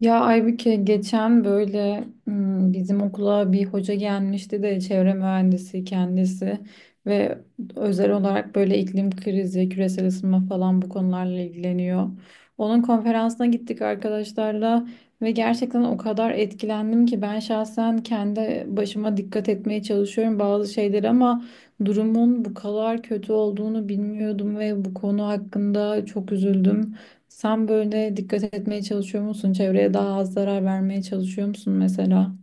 Ya Aybüke geçen böyle bizim okula bir hoca gelmişti de çevre mühendisi kendisi ve özel olarak böyle iklim krizi, küresel ısınma falan bu konularla ilgileniyor. Onun konferansına gittik arkadaşlarla ve gerçekten o kadar etkilendim ki ben şahsen kendi başıma dikkat etmeye çalışıyorum bazı şeyleri ama durumun bu kadar kötü olduğunu bilmiyordum ve bu konu hakkında çok üzüldüm. Sen böyle dikkat etmeye çalışıyor musun? Çevreye daha az zarar vermeye çalışıyor musun mesela?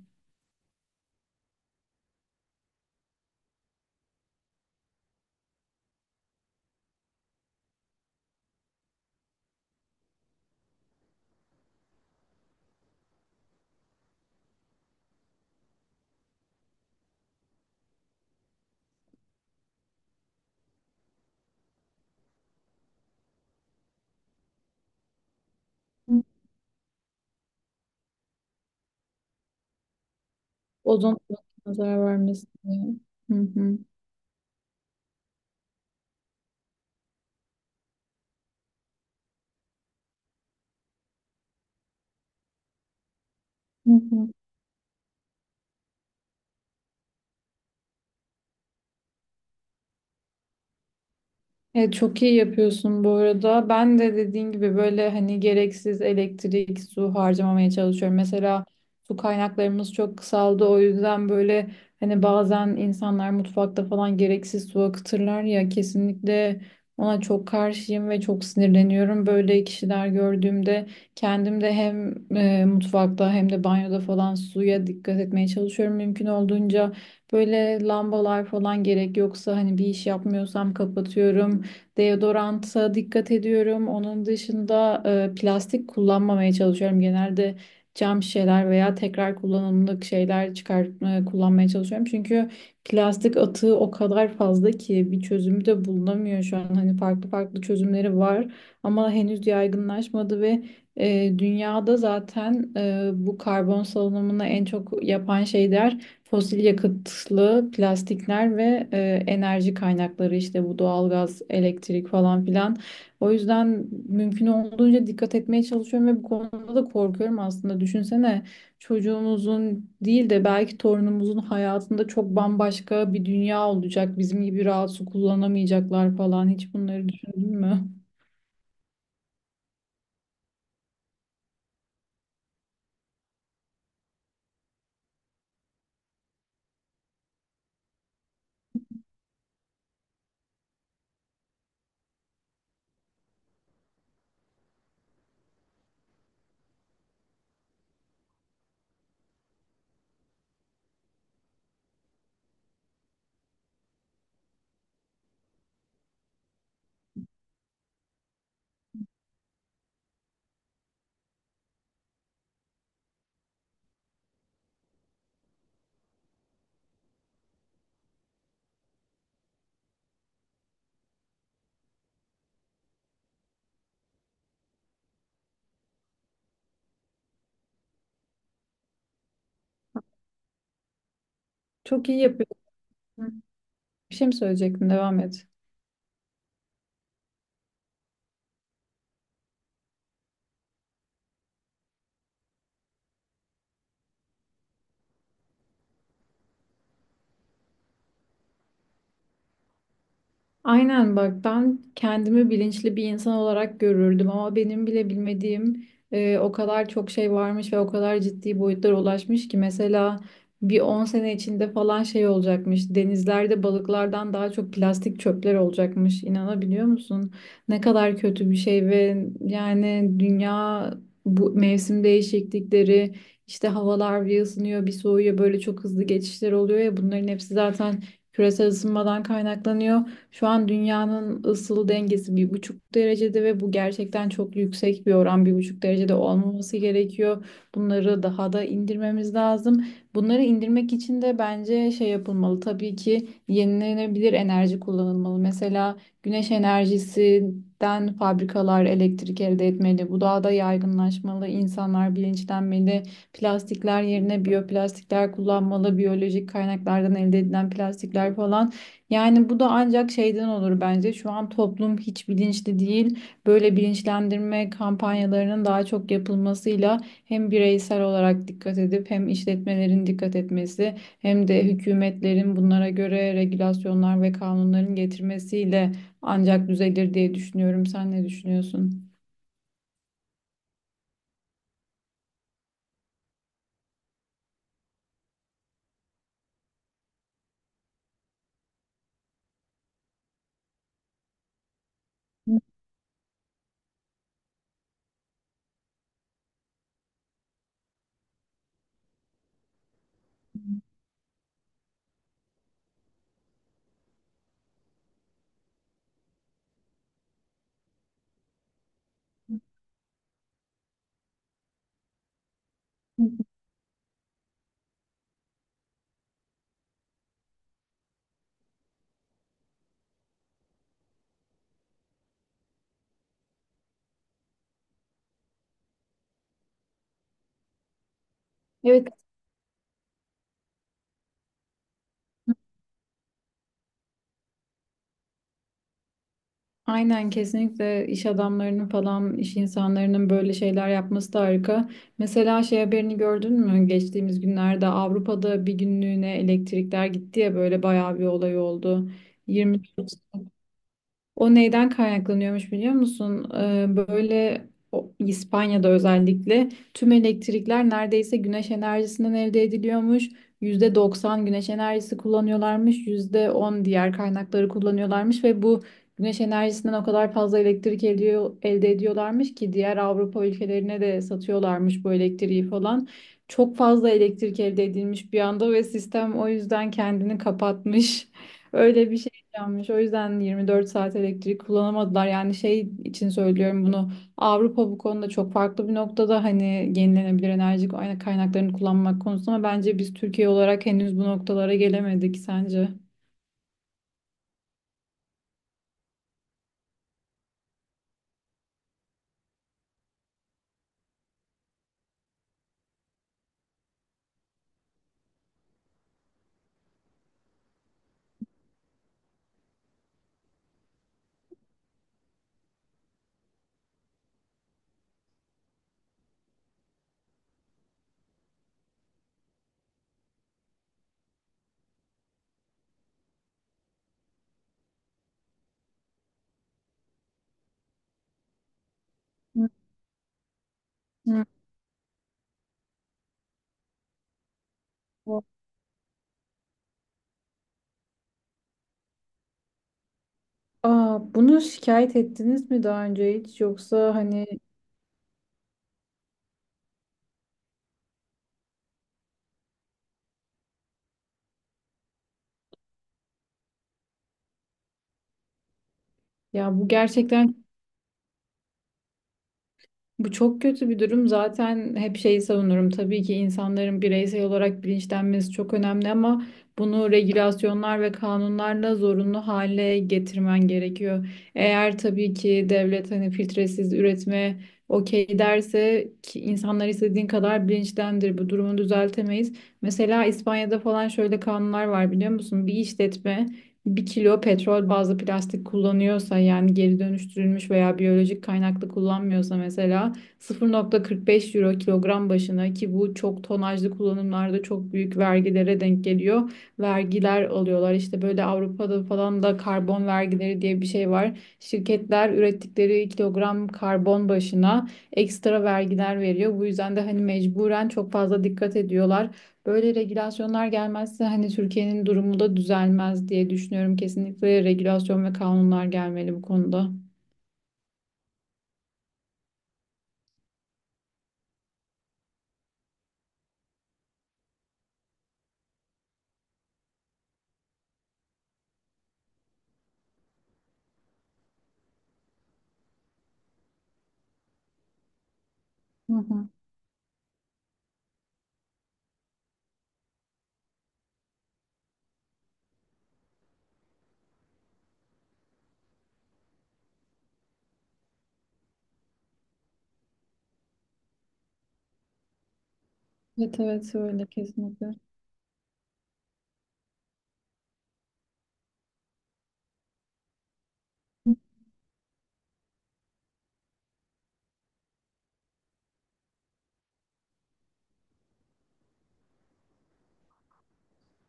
Hı. Ozon tabakasına zarar vermesin diye. Hı hı. Hı hı. Evet, çok iyi yapıyorsun bu arada. Ben de dediğin gibi böyle hani gereksiz elektrik, su harcamamaya çalışıyorum. Mesela su kaynaklarımız çok kısaldı. O yüzden böyle hani bazen insanlar mutfakta falan gereksiz su akıtırlar ya kesinlikle ona çok karşıyım ve çok sinirleniyorum. Böyle kişiler gördüğümde kendim de hem mutfakta hem de banyoda falan suya dikkat etmeye çalışıyorum mümkün olduğunca. Böyle lambalar falan gerek yoksa hani bir iş yapmıyorsam kapatıyorum. Deodoranta dikkat ediyorum. Onun dışında plastik kullanmamaya çalışıyorum. Genelde cam şişeler veya tekrar kullanımlık şeyler çıkar kullanmaya çalışıyorum. Çünkü plastik atığı o kadar fazla ki bir çözümü de bulunamıyor şu an. Hani farklı farklı çözümleri var ama henüz yaygınlaşmadı ve dünyada zaten bu karbon salınımını en çok yapan şeyler fosil yakıtlı plastikler ve enerji kaynakları işte bu doğalgaz, elektrik falan filan. O yüzden mümkün olduğunca dikkat etmeye çalışıyorum ve bu konuda da korkuyorum aslında. Düşünsene çocuğumuzun değil de belki torunumuzun hayatında çok bambaşka bir dünya olacak. Bizim gibi rahat su kullanamayacaklar falan. Hiç bunları düşündün mü? Çok iyi yapıyorsun. Bir şey mi söyleyecektin? Devam et. Aynen, bak ben kendimi bilinçli bir insan olarak görürdüm ama benim bile bilmediğim o kadar çok şey varmış ve o kadar ciddi boyutlara ulaşmış ki mesela bir 10 sene içinde falan şey olacakmış, denizlerde balıklardan daha çok plastik çöpler olacakmış, inanabiliyor musun? Ne kadar kötü bir şey ve yani dünya, bu mevsim değişiklikleri, işte havalar bir ısınıyor bir soğuyor, böyle çok hızlı geçişler oluyor ya, bunların hepsi zaten küresel ısınmadan kaynaklanıyor. Şu an dünyanın ısıl dengesi 1,5 derecede ve bu gerçekten çok yüksek bir oran. 1,5 derecede olmaması gerekiyor. Bunları daha da indirmemiz lazım. Bunları indirmek için de bence şey yapılmalı. Tabii ki yenilenebilir enerji kullanılmalı. Mesela güneş enerjisinden fabrikalar elektrik elde etmeli. Bu daha da yaygınlaşmalı. İnsanlar bilinçlenmeli. Plastikler yerine biyoplastikler kullanmalı. Biyolojik kaynaklardan elde edilen plastikler falan. Yani bu da ancak şeyden olur bence. Şu an toplum hiç bilinçli değil. Böyle bilinçlendirme kampanyalarının daha çok yapılmasıyla hem bireysel olarak dikkat edip hem işletmelerin dikkat etmesi hem de hükümetlerin bunlara göre regülasyonlar ve kanunların getirmesiyle ancak düzelir diye düşünüyorum. Sen ne düşünüyorsun? Evet, aynen, kesinlikle iş adamlarının falan, iş insanlarının böyle şeyler yapması da harika. Mesela şey haberini gördün mü? Geçtiğimiz günlerde Avrupa'da bir günlüğüne elektrikler gitti ya, böyle bayağı bir olay oldu. 20 o neyden kaynaklanıyormuş biliyor musun? Böyle İspanya'da özellikle tüm elektrikler neredeyse güneş enerjisinden elde ediliyormuş. %90 güneş enerjisi kullanıyorlarmış, %10 diğer kaynakları kullanıyorlarmış ve bu güneş enerjisinden o kadar fazla elektrik ediyor, elde ediyorlarmış ki diğer Avrupa ülkelerine de satıyorlarmış bu elektriği falan. Çok fazla elektrik elde edilmiş bir anda ve sistem o yüzden kendini kapatmış. Öyle bir şey yanmış. O yüzden 24 saat elektrik kullanamadılar. Yani şey için söylüyorum bunu. Avrupa bu konuda çok farklı bir noktada hani, yenilenebilir enerji kaynaklarını kullanmak konusunda, ama bence biz Türkiye olarak henüz bu noktalara gelemedik, sence? Hı hı. Aa, bunu şikayet ettiniz mi daha önce hiç, yoksa hani ya bu gerçekten bu çok kötü bir durum. Zaten hep şeyi savunurum. Tabii ki insanların bireysel olarak bilinçlenmesi çok önemli ama bunu regülasyonlar ve kanunlarla zorunlu hale getirmen gerekiyor. Eğer tabii ki devlet hani filtresiz üretime okey derse ki insanlar istediğin kadar bilinçlendir, bu durumu düzeltemeyiz. Mesela İspanya'da falan şöyle kanunlar var biliyor musun? Bir işletme bir kilo petrol bazlı plastik kullanıyorsa, yani geri dönüştürülmüş veya biyolojik kaynaklı kullanmıyorsa mesela 0,45 euro kilogram başına, ki bu çok tonajlı kullanımlarda çok büyük vergilere denk geliyor. Vergiler alıyorlar. İşte böyle Avrupa'da falan da karbon vergileri diye bir şey var. Şirketler ürettikleri kilogram karbon başına ekstra vergiler veriyor. Bu yüzden de hani mecburen çok fazla dikkat ediyorlar. Böyle regülasyonlar gelmezse hani Türkiye'nin durumu da düzelmez diye düşünüyorum. Kesinlikle regülasyon ve kanunlar gelmeli bu konuda. Hı hı. Evet evet, öyle kesinlikle.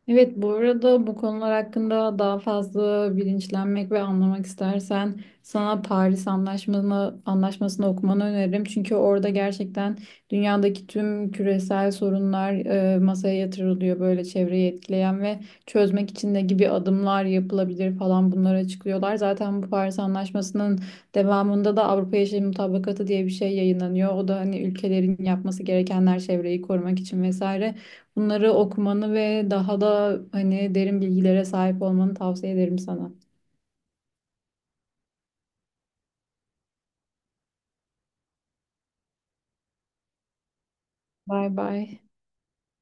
Evet, bu arada bu konular hakkında daha fazla bilinçlenmek ve anlamak istersen sana Paris Anlaşması'nı anlaşmasını okumanı öneririm. Çünkü orada gerçekten dünyadaki tüm küresel sorunlar masaya yatırılıyor, böyle çevreyi etkileyen, ve çözmek için ne gibi adımlar yapılabilir falan, bunları açıklıyorlar. Zaten bu Paris Anlaşması'nın devamında da Avrupa Yeşil Mutabakatı diye bir şey yayınlanıyor. O da hani ülkelerin yapması gerekenler çevreyi korumak için vesaire. Bunları okumanı ve daha da hani derin bilgilere sahip olmanı tavsiye ederim sana. Bay bay.